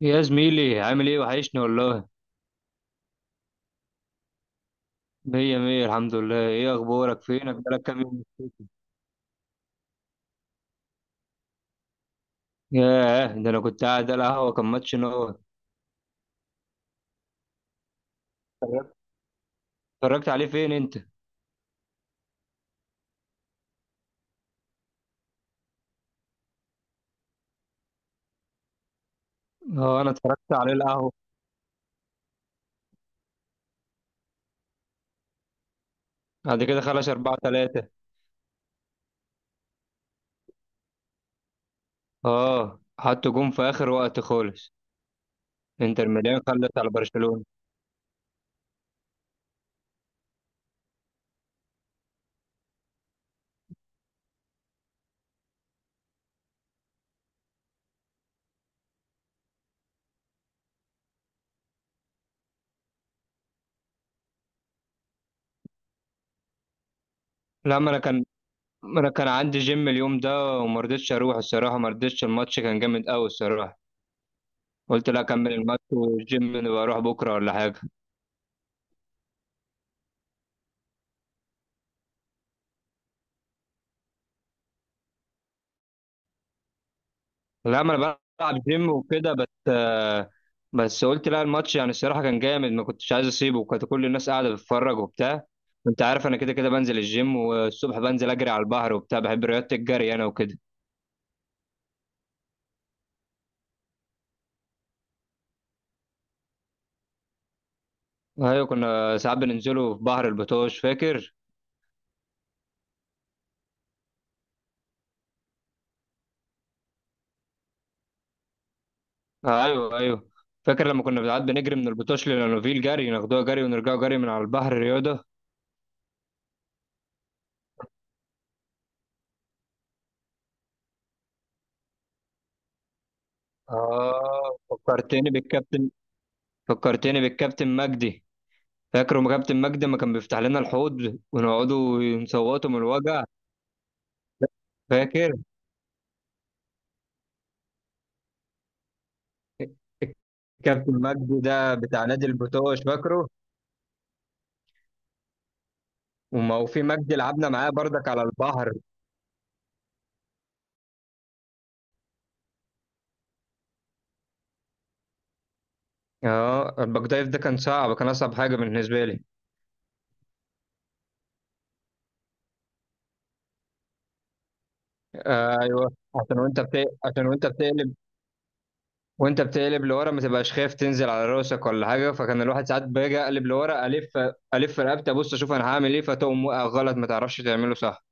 يا زميلي، عامل ايه؟ وحشني والله. مية مية، الحمد لله. ايه اخبارك؟ فينك بقالك كام يوم مختفي؟ ياه، ده انا كنت قاعد على القهوة، كان ماتش نور. اتفرجت اتفرجت عليه فين انت؟ اه، انا اتفرجت عليه القهوة. بعد كده خلص اربعة تلاتة. اه، حط جون في اخر وقت خالص. انتر ميلان خلص على برشلونة. لا، ما انا كان عندي جيم اليوم ده، وما رضيتش اروح الصراحة، ما رضيتش. الماتش كان جامد قوي الصراحة. قلت لا، اكمل الماتش، والجيم نبقى اروح بكرة ولا حاجة. لا، ما انا بلعب جيم وكده، بس بس قلت لا، الماتش يعني الصراحه كان جامد، ما كنتش عايز اسيبه، وكانت كل الناس قاعده بتتفرج وبتاع. انت عارف انا كده كده بنزل الجيم، والصبح بنزل اجري على البحر وبتاع. بحب رياضه الجري انا وكده. ايوه، كنا ساعات بننزلوا في بحر البطوش، فاكر؟ ايوه ايوه. فاكر لما كنا ساعات بنجري من البطوش للانوفيل جري، ناخدوها جري ونرجعوا جري من على البحر رياضه. اه، فكرتني بالكابتن. فكرتني بالكابتن مجدي. فاكر ما كابتن مجدي ما كان بيفتح لنا الحوض، ونقعدوا نصوتوا من الوجع؟ فاكر كابتن مجدي ده بتاع نادي البتوش، فاكره؟ وما وفي مجدي لعبنا معاه بردك على البحر. اه، الباك دايف ده كان صعب، كان اصعب حاجه بالنسبه لي. آه ايوه، عشان عشان وانت بتقلب، وانت بتقلب لورا ما تبقاش خايف تنزل على راسك ولا حاجه، فكان الواحد ساعات باجي اقلب لورا الف رقبتي، ابص اشوف انا هعمل ايه، فتقوم واقع غلط، ما تعرفش تعمله صح.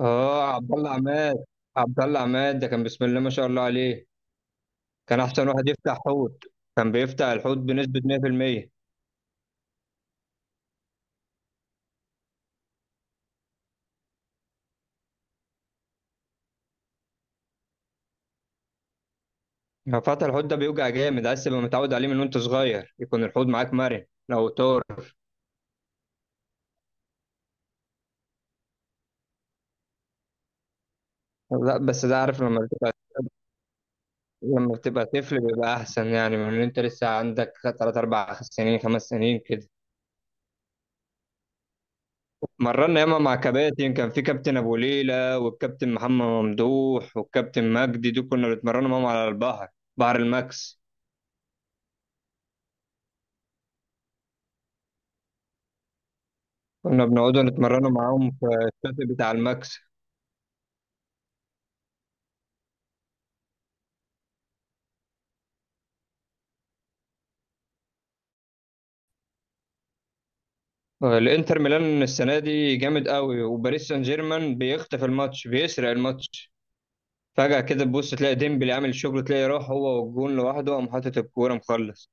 اه، عبد الله عماد. عبد الله عماد ده كان بسم الله ما شاء الله عليه. كان احسن واحد يفتح حوت، كان بيفتح الحوت بنسبة 100%. لو فتح الحوت ده بيوجع جامد، عايز تبقى متعود عليه من وانت صغير، يكون الحوت معاك مرن لو طار. لا، بس ده عارف لما بتبقى طفل بيبقى احسن، يعني من ان انت لسه عندك 3 4 سنين 5 سنين كده. مرنا ياما مع كباتن، كان في كابتن ابو ليلى، والكابتن محمد ممدوح، والكابتن مجدي، دول كنا بنتمرنوا معاهم على البحر، بحر الماكس. كنا بنقعدوا نتمرنوا معاهم في الشاطئ بتاع الماكس. الانتر ميلان السنه دي جامد قوي، وباريس سان جيرمان بيخطف الماتش، بيسرق الماتش. فجاه كده تبص تلاقي ديمبلي عامل شغل، تلاقي راح هو والجون لوحده، قام حاطط الكوره، مخلص.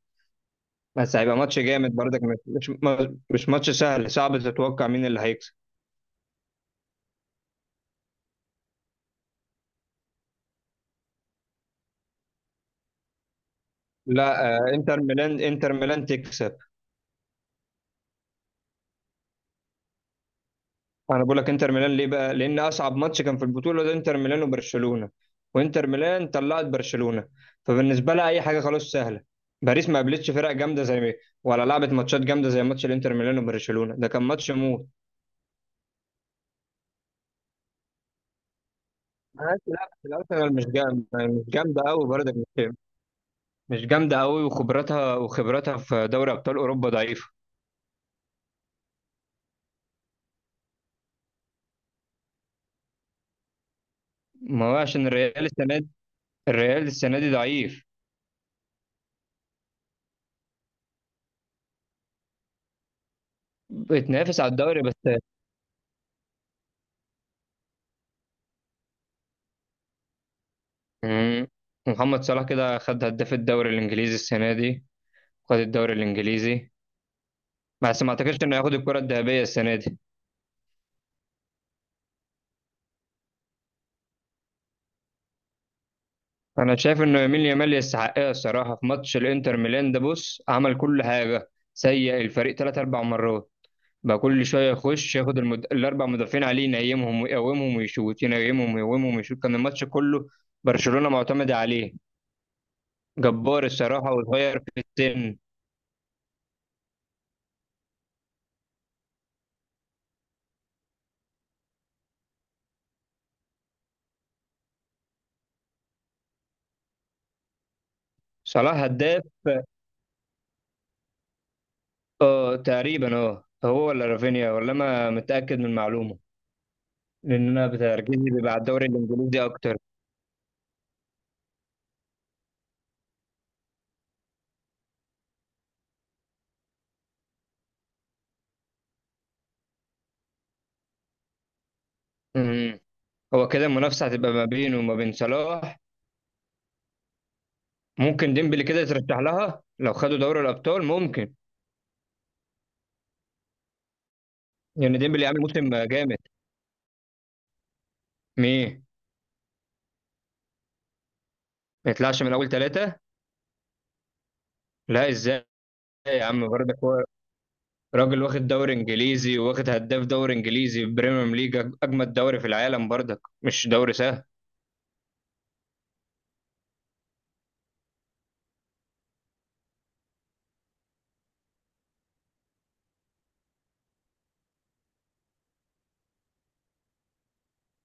بس هيبقى ماتش جامد برضك. مش مش ماتش سهل، صعب تتوقع مين اللي هيكسب. لا انتر ميلان. انتر ميلان تكسب. انا بقول لك انتر ميلان ليه بقى؟ لان اصعب ماتش كان في البطوله ده انتر ميلان وبرشلونه، وانتر ميلان طلعت برشلونه، فبالنسبه لها اي حاجه خلاص سهله. باريس ما قابلتش فرق جامده زي ما ولا لعبت ماتشات جامده زي ماتش الانتر ميلان وبرشلونه، ده كان ماتش موت. ماشي، لا بس الارسنال مش جامده، مش جامده قوي برضه مش مش جامده قوي، وخبراتها وخبراتها في دوري ابطال اوروبا ضعيفه. ما هو عشان الريال السنه دي، الريال السنه دي ضعيف. بتنافس على الدوري بس. مم. محمد صلاح كده خد هداف الدوري الانجليزي السنه دي، خد الدوري الانجليزي. بس ما اعتقدش انه ياخد الكره الذهبيه السنه دي. انا شايف انه يمين يامال يستحقها الصراحه. في ماتش الانتر ميلان ده بص، عمل كل حاجه، سيء الفريق ثلاث اربع مرات، بقى كل شويه يخش ياخد الاربع مدافعين عليه ينيمهم ويقومهم ويشوت، ينيمهم ويقومهم ويشوت، كان الماتش كله برشلونه معتمده عليه. جبار الصراحه، وصغير في السن. صلاح هداف، اه تقريبا، اه هو ولا رافينيا، ولا انا متاكد من المعلومه، لان انا بتركيزي بيبقى على الدوري الانجليزي اكتر. امم هو كده المنافسه هتبقى ما بينه وما بين صلاح. ممكن ديمبلي كده يترشح لها لو خدوا دوري الابطال، ممكن، لان ديمبلي عامل موسم جامد. مين؟ ما يطلعش من اول ثلاثه؟ لا ازاي؟ يا عم برضك هو راجل واخد دوري انجليزي، واخد هداف دوري انجليزي بريمير ليج، اجمد دوري في العالم برضك، مش دوري سهل.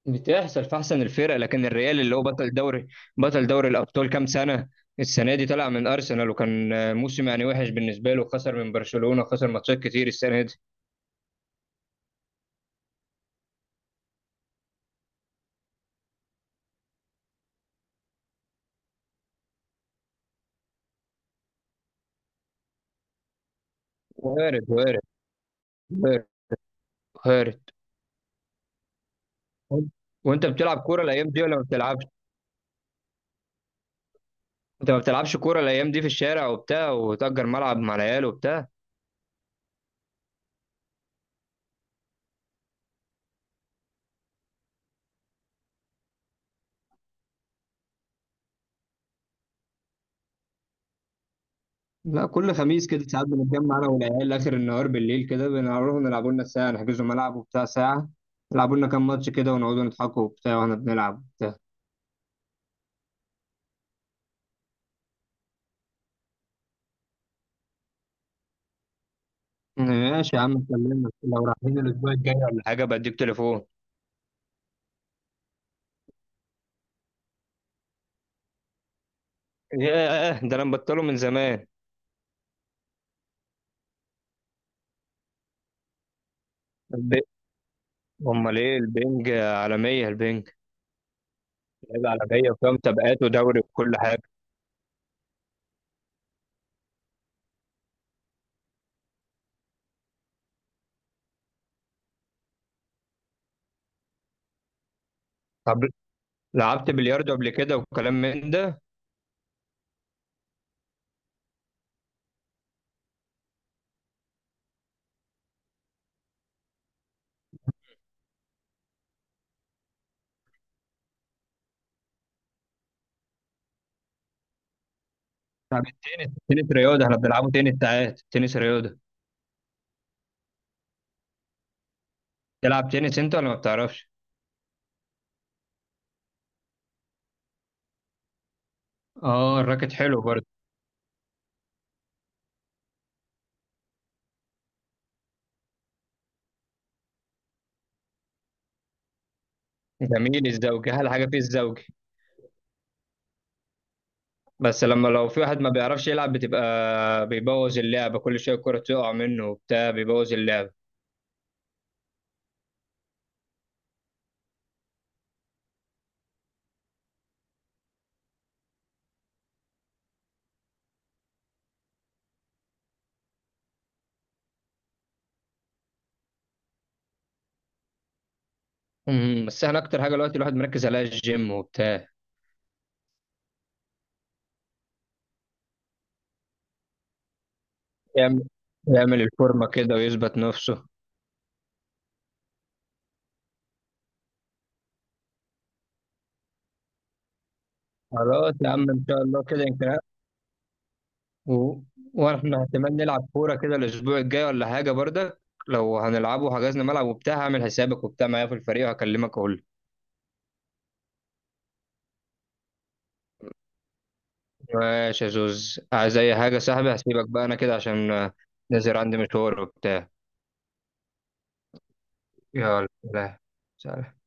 بتحصل في احسن الفرق، لكن الريال اللي هو بطل دوري، بطل دوري الابطال كام سنه، السنه دي طلع من ارسنال، وكان موسم يعني وحش بالنسبه له، خسر من برشلونه، خسر ماتشات كتير السنه دي. وارد، وارد، وارد، وارد. وانت بتلعب كوره الايام دي، ولا ما بتلعبش؟ انت ما بتلعبش كوره الايام دي في الشارع وبتاع، وتأجر ملعب مع العيال وبتاع؟ لا، كل خميس كده ساعات بنتجمع انا والعيال اخر النهار بالليل كده، بنروح نلعبوا لنا ساعه، نحجزوا ملعب وبتاع ساعه، يلعبوا لنا كام ماتش كده، ونقعدوا نضحكوا وبتاع واحنا بنلعب. ماشي يا عم، كلمني لو رايحين الاسبوع الجاي ولا حاجه، بديك تليفون. ياه، ده انا مبطله من زمان. الب- امال ايه؟ البنج عالميه، البنج لعبه عالميه، وفيها مسابقات ودوري وكل حاجه. طب لعبت بلياردو قبل كده وكلام من ده؟ طب التنس، تنس رياضه، احنا بنلعبه تنس ساعات، تنس رياضه. تلعب تنس انت ولا ما بتعرفش؟ اه، الراكت حلو برضه. جميل الزوجي، احلى حاجه فيه الزوجي. بس لما لو في واحد ما بيعرفش يلعب، بتبقى بيبوظ اللعبه، كل شويه الكره تقع منه وبتاع، بيبوظ اللعبه. أمم، بس احنا اكتر حاجه دلوقتي الواحد مركز عليها الجيم وبتاع. يعمل يعمل الفورمه كده ويثبت نفسه. خلاص يا عم، ان شاء الله كده يمكن. و... واحنا احتمال نلعب كوره كده الاسبوع الجاي ولا حاجه برضك، لو هنلعبه وحجزنا ملعب وبتاع، هعمل حسابك وبتاع معايا في الفريق، وهكلمك اقول. ماشي يا زوز، عايز اي حاجه يا صاحبي؟ هسيبك بقى انا كده عشان نازل عندي مشوار وبتاع. يلا سلام. سلام.